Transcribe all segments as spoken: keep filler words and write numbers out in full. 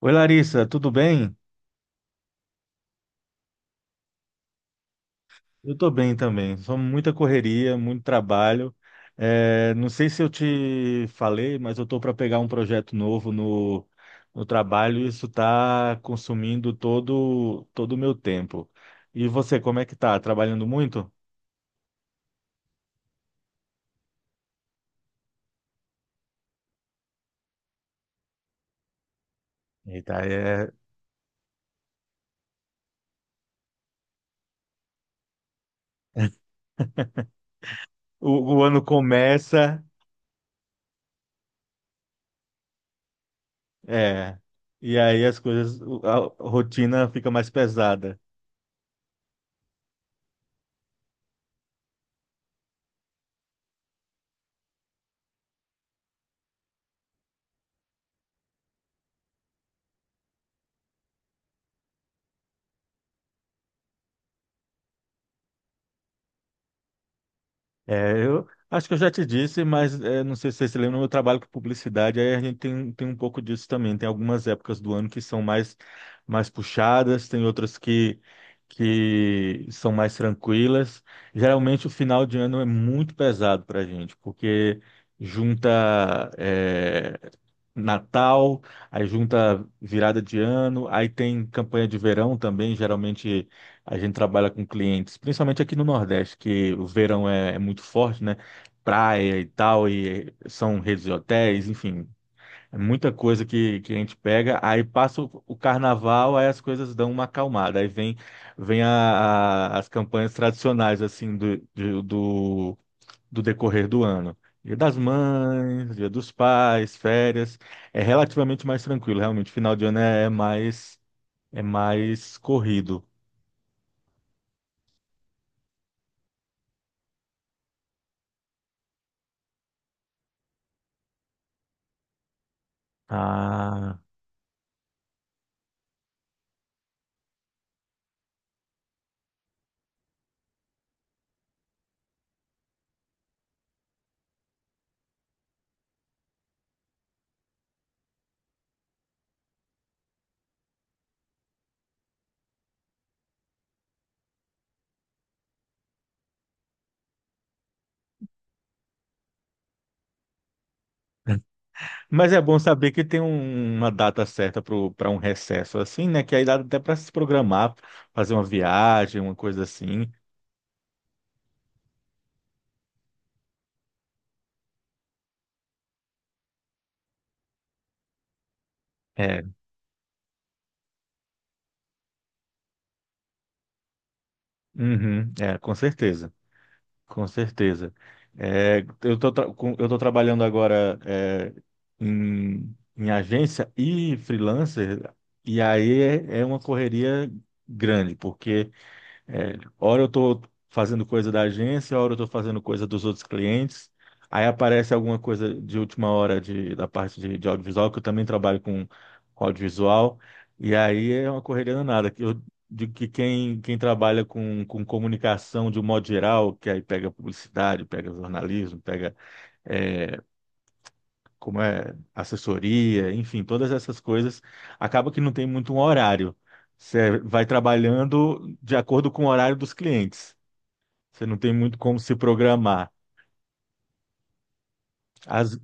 Oi, Larissa, tudo bem? Eu estou bem também. Só muita correria, muito trabalho. É, não sei se eu te falei, mas eu estou para pegar um projeto novo no, no trabalho e isso está consumindo todo todo o meu tempo. E você, como é que tá? Trabalhando muito? Eita, é, o, o ano começa, é, e aí as coisas, a rotina fica mais pesada. É, eu acho que eu já te disse, mas é, não sei se você se lembra, no meu trabalho com publicidade, aí a gente tem, tem um pouco disso também. Tem algumas épocas do ano que são mais, mais puxadas, tem outras que, que são mais tranquilas. Geralmente o final de ano é muito pesado para a gente, porque junta é, Natal, aí junta virada de ano, aí tem campanha de verão também, geralmente a gente trabalha com clientes, principalmente aqui no Nordeste, que o verão é, é muito forte, né? Praia e tal, e são redes de hotéis, enfim, é muita coisa que, que a gente pega. Aí passa o, o carnaval, aí as coisas dão uma acalmada. Aí vem, vem a- a- as campanhas tradicionais, assim, do, de- do, do decorrer do ano. Dia das Mães, Dia dos Pais, férias. É relativamente mais tranquilo, realmente. Final de ano é, é mais, é mais corrido. Ah. Mas é bom saber que tem um- uma data certa para um recesso assim, né? Que aí dá até para se programar, fazer uma viagem, uma coisa assim. É, uhum, é, com certeza, com certeza. É, eu tô, tra- com- eu tô trabalhando agora é, em, em agência e freelancer, e aí é, é uma correria grande, porque é, hora eu estou fazendo coisa da agência, hora eu estou fazendo coisa dos outros clientes. Aí aparece alguma coisa de última hora de, da parte de, de audiovisual, que eu também trabalho com, com audiovisual. E aí é uma correria danada que Eu digo que quem, quem trabalha com, com comunicação de um modo geral, que aí pega publicidade, pega jornalismo, pega é, como é, assessoria, enfim, todas essas coisas, acaba que não tem muito um horário. Você vai trabalhando de acordo com o horário dos clientes. Você não tem muito como se programar. As...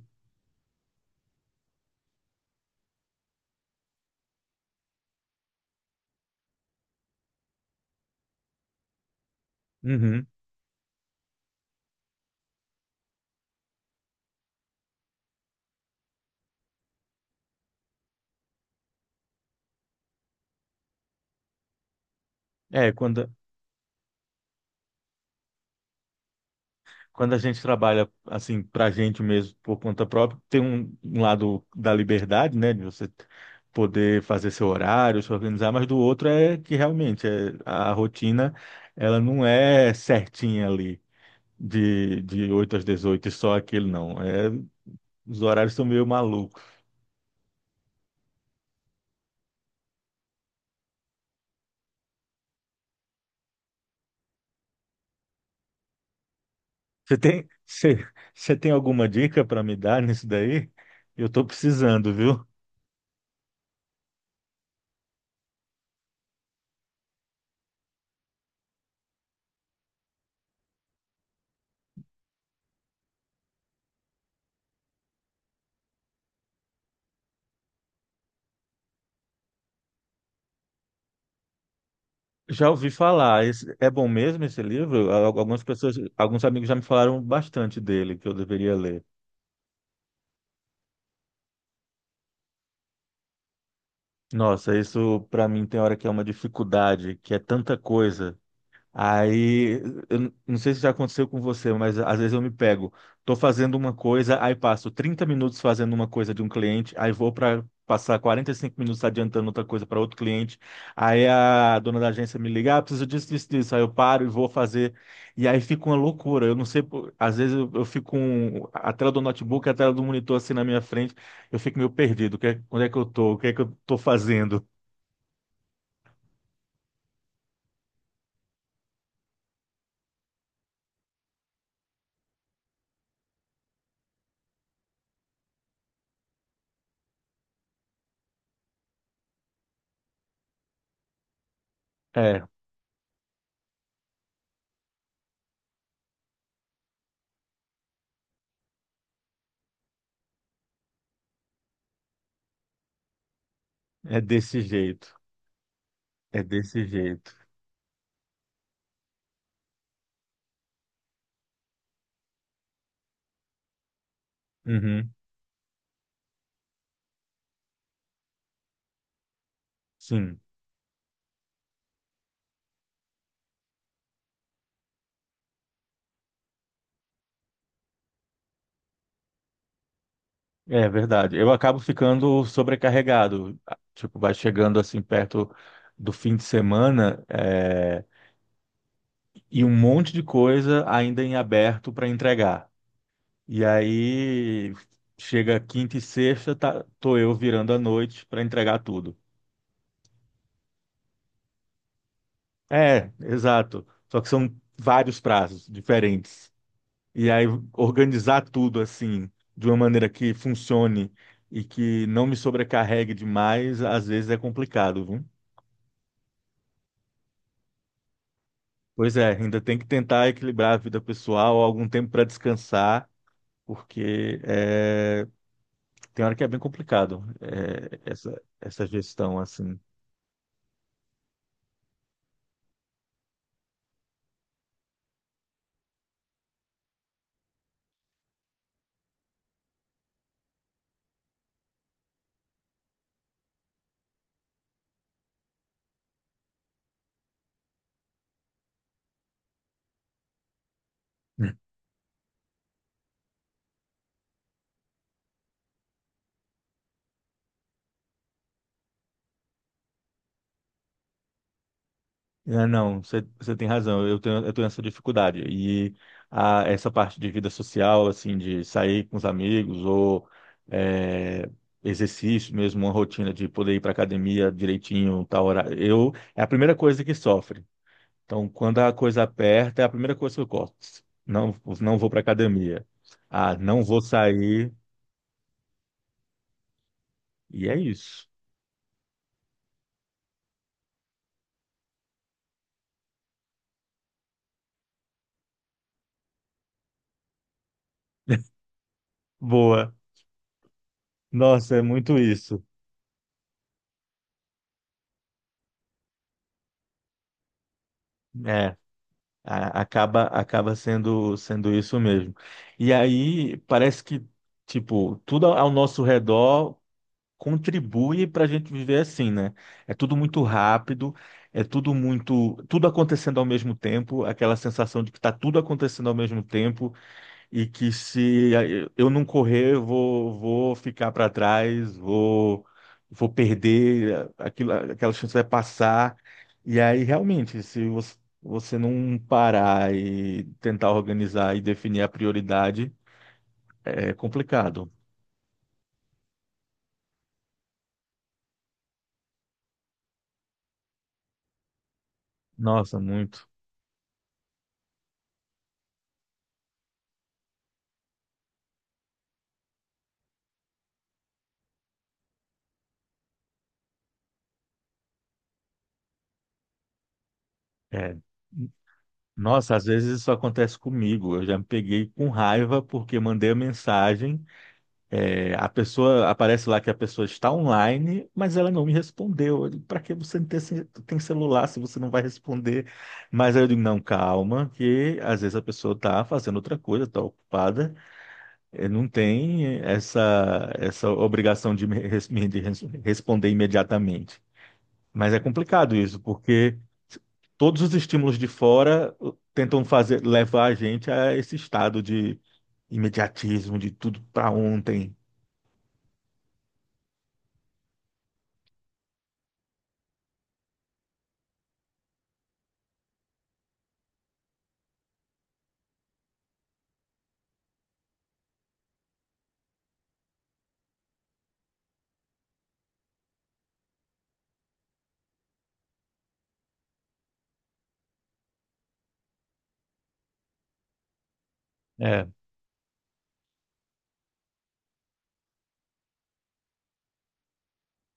Uhum. É, quando, quando a gente trabalha assim para a gente mesmo por conta própria, tem um, um lado da liberdade, né, de você poder fazer seu horário, se organizar, mas do outro é que realmente é, a rotina ela não é certinha ali de, de oito às dezoito e só aquele não. É, os horários são meio malucos. Você tem, você, você tem alguma dica para me dar nisso daí? Eu estou precisando, viu? Já ouvi falar. Esse- é bom mesmo esse livro? Al- Algumas pessoas, alguns amigos já me falaram bastante dele, que eu deveria ler. Nossa, isso para mim tem hora que é uma dificuldade, que é tanta coisa. Aí, eu não sei se já aconteceu com você, mas às vezes eu me pego, tô fazendo uma coisa, aí passo trinta minutos fazendo uma coisa de um cliente, aí vou para passar quarenta e cinco minutos adiantando outra coisa para outro cliente. Aí a dona da agência me liga, ah, preciso disso, disso, disso. Aí eu paro e vou fazer. E aí fica uma loucura. Eu não sei, por- às vezes eu, eu fico com a tela do notebook, a tela do monitor assim na minha frente, eu fico meio perdido. O que é- onde é que eu tô? O que é que eu tô fazendo? É, é desse jeito. É desse jeito. Uhum. Sim, é verdade. Eu acabo ficando sobrecarregado. Ah, tipo, vai chegando assim perto do fim de semana, é, e um monte de coisa ainda em aberto para entregar. E aí chega quinta e sexta, tá, tô eu virando a noite para entregar tudo. É, exato. Só que são vários prazos diferentes. E aí organizar tudo assim, de uma maneira que funcione e que não me sobrecarregue demais, às vezes é complicado, viu? Pois é, ainda tem que tentar equilibrar a vida pessoal, algum tempo para descansar, porque é, tem hora que é bem complicado é, essa, essa gestão assim. Hum. É, não, você você tem razão, eu tenho, eu tenho essa dificuldade. E a, essa parte de vida social, assim, de sair com os amigos ou é, exercício mesmo, uma rotina de poder ir para academia direitinho, tal hora, eu, é a primeira coisa que sofre. Então, quando a coisa aperta, é a primeira coisa que eu corto. Não, não vou para academia. Ah, não vou sair. E é isso. Boa. Nossa, é muito isso. É, a- acaba acaba sendo sendo isso mesmo. E aí parece que tipo, tudo ao nosso redor contribui para a gente viver assim, né? É tudo muito rápido, é tudo muito tudo acontecendo ao mesmo tempo, aquela sensação de que está tudo acontecendo ao mesmo tempo e que se eh, eu não correr, eu vou, vou ficar para trás, vou, vou perder, eh, aquilo, aquela chance vai passar. E aí, realmente, se você, você não parar e tentar organizar e definir a prioridade, é complicado. Nossa, muito. É. Nossa, às vezes isso acontece comigo. Eu já me peguei com raiva porque mandei a mensagem. É, a pessoa aparece lá que a pessoa está online, mas ela não me respondeu. Para que você ter, ce- tem celular se você não vai responder? Mas aí eu digo, não, calma, que às vezes a pessoa está fazendo outra coisa, está ocupada, eh, não tem essa, essa obrigação de me, res- me- de res- responder imediatamente. Mas é complicado isso, porque todos os estímulos de fora uh, tentam fazer levar a gente a esse estado de imediatismo, de tudo para ontem. É.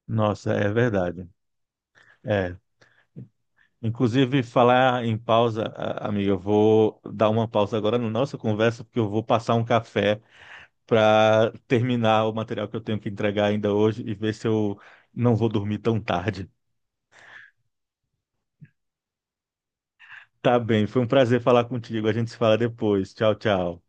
Nossa, é verdade. É. Inclusive, falar em pausa, a- amiga, eu vou dar uma pausa agora na nossa conversa, porque eu vou passar um café para terminar o material que eu tenho que entregar ainda hoje e ver se eu não vou dormir tão tarde. Tá bem, foi um prazer falar contigo. A gente se fala depois. Tchau, tchau.